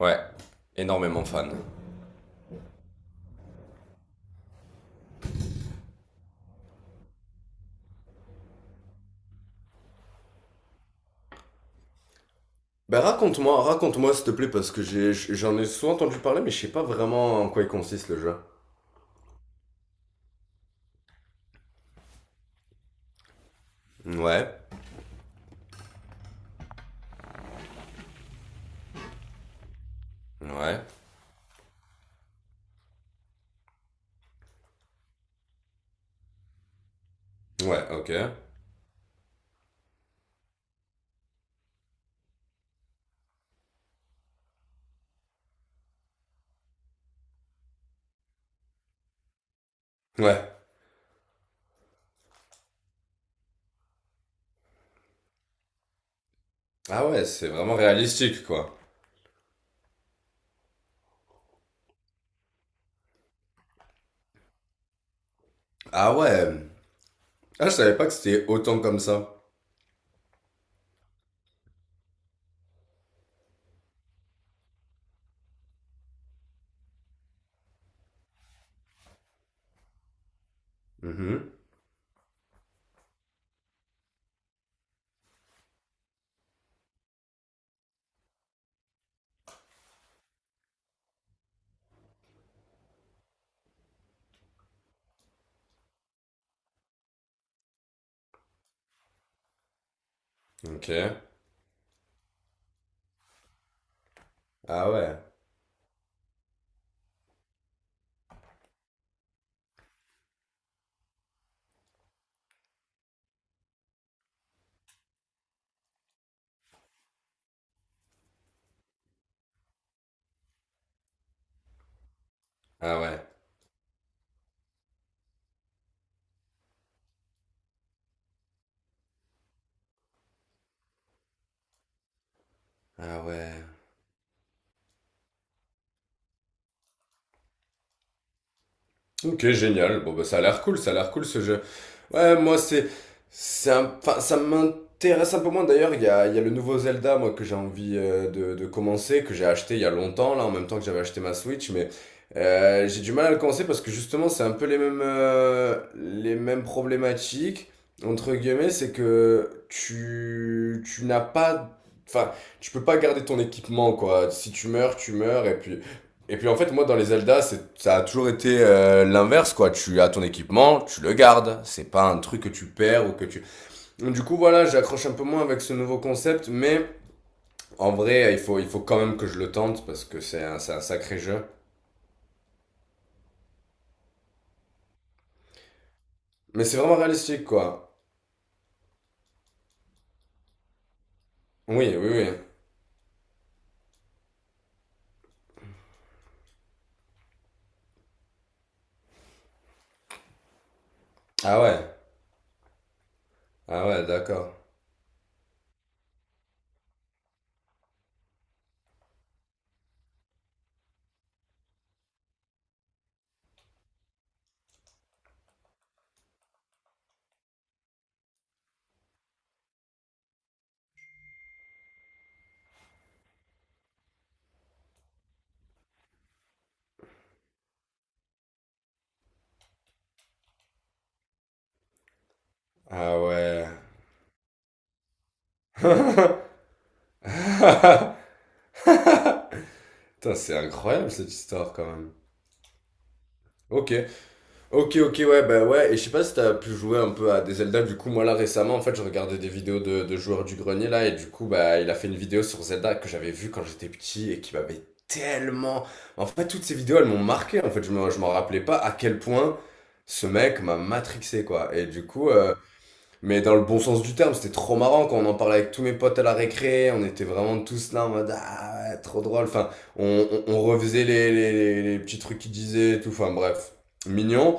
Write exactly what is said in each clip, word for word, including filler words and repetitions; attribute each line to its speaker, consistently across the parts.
Speaker 1: Ouais, énormément fan. Ben raconte-moi, raconte-moi s'il te plaît, parce que j'ai, j'en ai souvent entendu parler, mais je sais pas vraiment en quoi il consiste le jeu. Ouais, ouais, ouais, ok. Ouais. Ah ouais, c'est vraiment réalistique, quoi. Ah ouais. Ah, je savais pas que c'était autant comme ça. Mhm. Ok. Ah ouais. Ah ouais. Ah ouais. Ok, génial. Bon, bah, ça a l'air cool, ça a l'air cool ce jeu. Ouais, moi, c'est, c'est un, enfin, ça m'intéresse un peu moins. D'ailleurs, il y a, il y a le nouveau Zelda, moi, que j'ai envie euh, de, de commencer, que j'ai acheté il y a longtemps, là, en même temps que j'avais acheté ma Switch, mais euh, j'ai du mal à le commencer parce que justement, c'est un peu les mêmes, euh, les mêmes problématiques, entre guillemets, c'est que tu, tu n'as pas, enfin, tu peux pas garder ton équipement, quoi. Si tu meurs, tu meurs. Et puis Et puis en fait, moi dans les Zelda, ça a toujours été euh, l'inverse quoi. Tu as ton équipement, tu le gardes. C'est pas un truc que tu perds. Ou que tu. Donc, du coup voilà, j'accroche un peu moins avec ce nouveau concept, mais en vrai, il faut, il faut quand même que je le tente parce que c'est un, c'est un sacré jeu. Mais c'est vraiment réalistique quoi. Oui, oui, oui. Ah ouais, ah ouais, d'accord. Ah ouais. Putain, c'est incroyable cette histoire quand même. Ok. Ok, ok, ouais, bah ouais, et je sais pas si t'as pu jouer un peu à des Zelda. Du coup, moi là récemment, en fait, je regardais des vidéos de, de joueurs du grenier là, et du coup, bah, il a fait une vidéo sur Zelda que j'avais vue quand j'étais petit et qui m'avait tellement. En fait, toutes ces vidéos, elles m'ont marqué. En fait, je me, je m'en rappelais pas à quel point ce mec m'a matrixé, quoi. Et du coup, euh, mais dans le bon sens du terme, c'était trop marrant quand on en parlait avec tous mes potes à la récré. On était vraiment tous là en mode, ah, ouais, trop drôle, enfin, on, on, on refaisait les, les, les, les petits trucs qu'il disait et tout. Enfin, bref, mignon.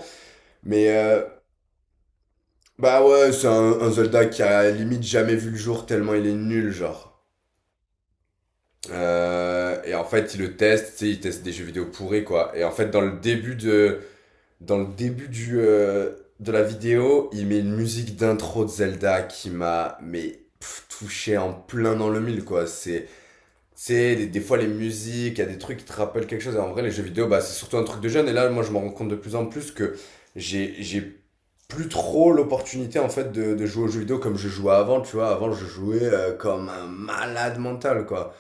Speaker 1: Mais euh, bah ouais, c'est un, un soldat qui a limite jamais vu le jour tellement il est nul, genre. Euh, et en fait, il le teste, tu sais, il teste des jeux vidéo pourris, quoi. Et en fait, dans le début de, dans le début du, euh, de la vidéo, il met une musique d'intro de Zelda qui m'a, mais, pff, touché en plein dans le mille, quoi. C'est, c'est des, des fois les musiques, il y a des trucs qui te rappellent quelque chose. Et en vrai, les jeux vidéo, bah, c'est surtout un truc de jeune. Et là, moi, je me rends compte de plus en plus que j'ai, j'ai plus trop l'opportunité en fait de, de jouer aux jeux vidéo comme je jouais avant, tu vois. Avant, je jouais euh, comme un malade mental, quoi.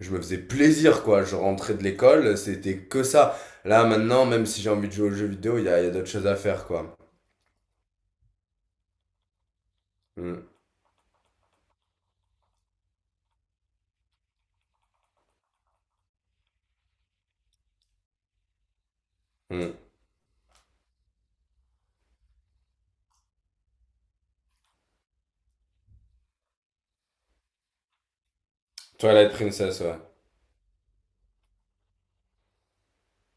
Speaker 1: Je me faisais plaisir, quoi. Je rentrais de l'école, c'était que ça. Là, maintenant, même si j'ai envie de jouer aux jeux vidéo, il y a, il y a d'autres choses à faire, quoi. Mm, mm. Twilight Princess, ouais.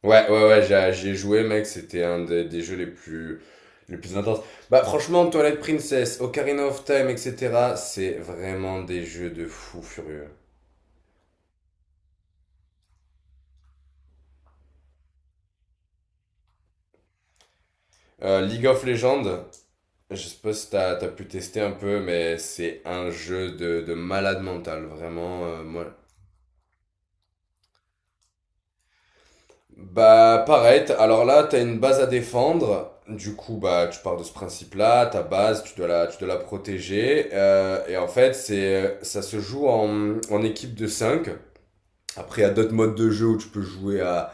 Speaker 1: Ouais, ouais, ouais, j'ai- j'y ai joué, mec. C'était un des, des jeux les plus, les plus intenses. Bah, franchement, Twilight Princess, Ocarina of Time, et cetera, c'est vraiment des jeux de fou furieux. Euh, League of Legends. Je sais pas si t'as, t'as pu tester un peu, mais c'est un jeu de, de malade mental, vraiment. euh, moi. Bah, pareil, t'as- alors là, t'as une base à défendre. Du coup, bah, tu pars de ce principe-là, ta base, tu dois la, tu dois la protéger. Euh, et en fait, c'est, ça se joue en, en équipe de cinq. Après, il y a d'autres modes de jeu où tu peux jouer à,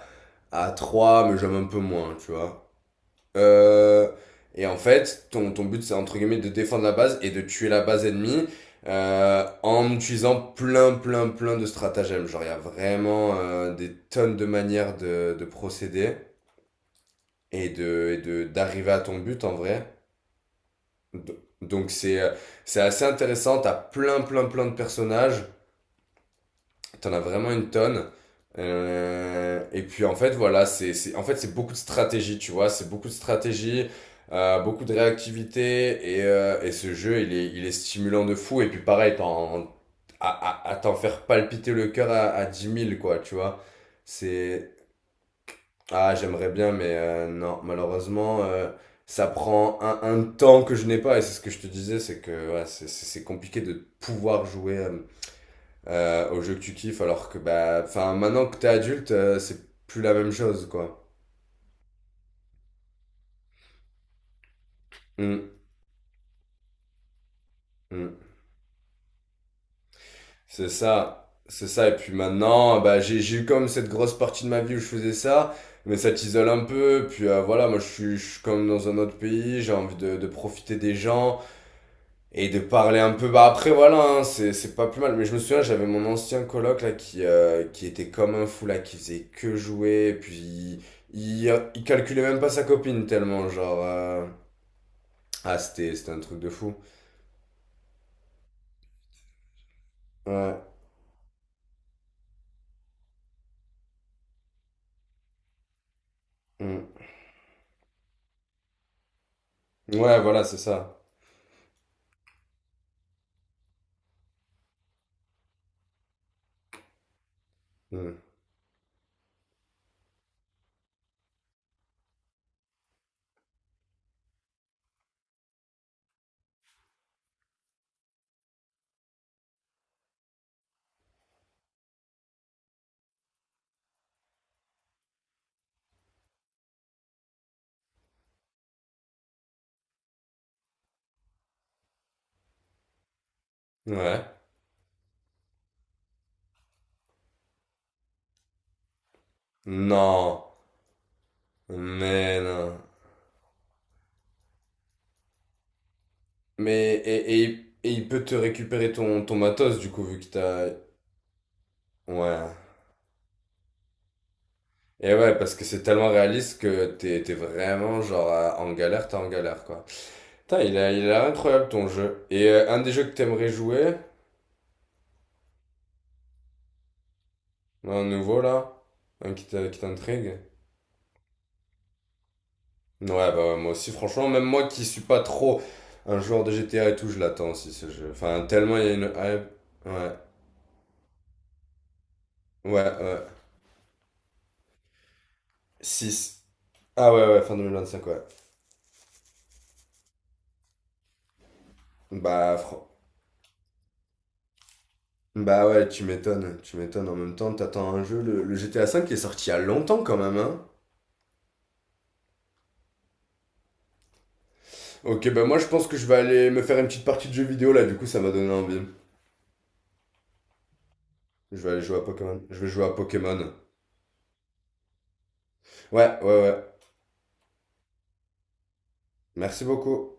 Speaker 1: à trois, mais j'aime un peu moins, tu vois. Euh, et en fait, ton, ton but, c'est entre guillemets de défendre la base et de tuer la base ennemie euh, en utilisant plein, plein, plein de stratagèmes. Genre, il y a vraiment euh, des tonnes de manières de, de procéder et de, et de, d'arriver à ton but en vrai. Donc, c'est, euh, c'est assez intéressant. T'as plein, plein, plein de personnages. T'en as vraiment une tonne. Euh, et puis en fait, voilà, c'est, c'est, en fait, c'est beaucoup de stratégie, tu vois. C'est beaucoup de stratégie, euh, beaucoup de réactivité. Et, euh, et ce jeu, il est, il est stimulant de fou. Et puis pareil, t'en, à, à, à t'en faire palpiter le cœur à, à dix mille, quoi, tu vois. C'est. Ah, j'aimerais bien, mais euh, non, malheureusement, euh, ça prend un, un temps que je n'ai pas. Et c'est ce que je te disais, c'est que ouais, c'est c'est- c'est compliqué de pouvoir jouer à euh, aux jeux que tu kiffes, alors que bah, enfin, maintenant que t'es adulte, euh, c'est plus la même chose, quoi. Mm, mm. C'est ça, c'est ça. Et puis maintenant, bah, j'ai j'ai eu comme cette grosse partie de ma vie où je faisais ça, mais ça t'isole un peu. Puis euh, voilà, moi, je suis, je suis comme dans un autre pays, j'ai envie de, de profiter des gens et de parler un peu. Bah après, voilà, hein, c'est c'est pas plus mal. Mais je me souviens, j'avais mon ancien coloc là qui euh, qui était comme un fou là, qui faisait que jouer, puis il, il il calculait même pas sa copine tellement, genre. Euh, ah, c'était c'était un truc de fou. Ouais. Mm. Ouais, voilà, c'est ça. Mm. Ouais. Non. Mais non. Mais, et, et, il- et il peut te récupérer ton, ton matos, du coup, vu qu'il t'a… Ouais. Et ouais, parce que c'est tellement réaliste que t'es, t'es vraiment, genre, à- en galère, t'es en galère, quoi. Putain, il a, il a incroyable, ton jeu. Et euh, un des jeux que t'aimerais jouer, un nouveau, là, un qui t'a- qui t'intrigue… Ouais, bah, moi aussi, franchement, même moi qui suis pas trop un joueur de G T A et tout, je l'attends aussi ce jeu. Enfin, tellement il y a une hype. Ouais, ouais, ouais. six. Ah ouais, ouais, fin deux mille vingt-cinq, ouais. Bah, fr- bah ouais, tu m'étonnes, tu m'étonnes. En même temps, t'attends un jeu, le, le G T A cinq qui est sorti il y a longtemps quand même, hein. Ok, bah moi je pense que je vais aller me faire une petite partie de jeu vidéo là, du coup ça m'a donné envie. Je vais aller jouer à Pokémon. Je vais jouer à Pokémon. Ouais, ouais, ouais. Merci beaucoup.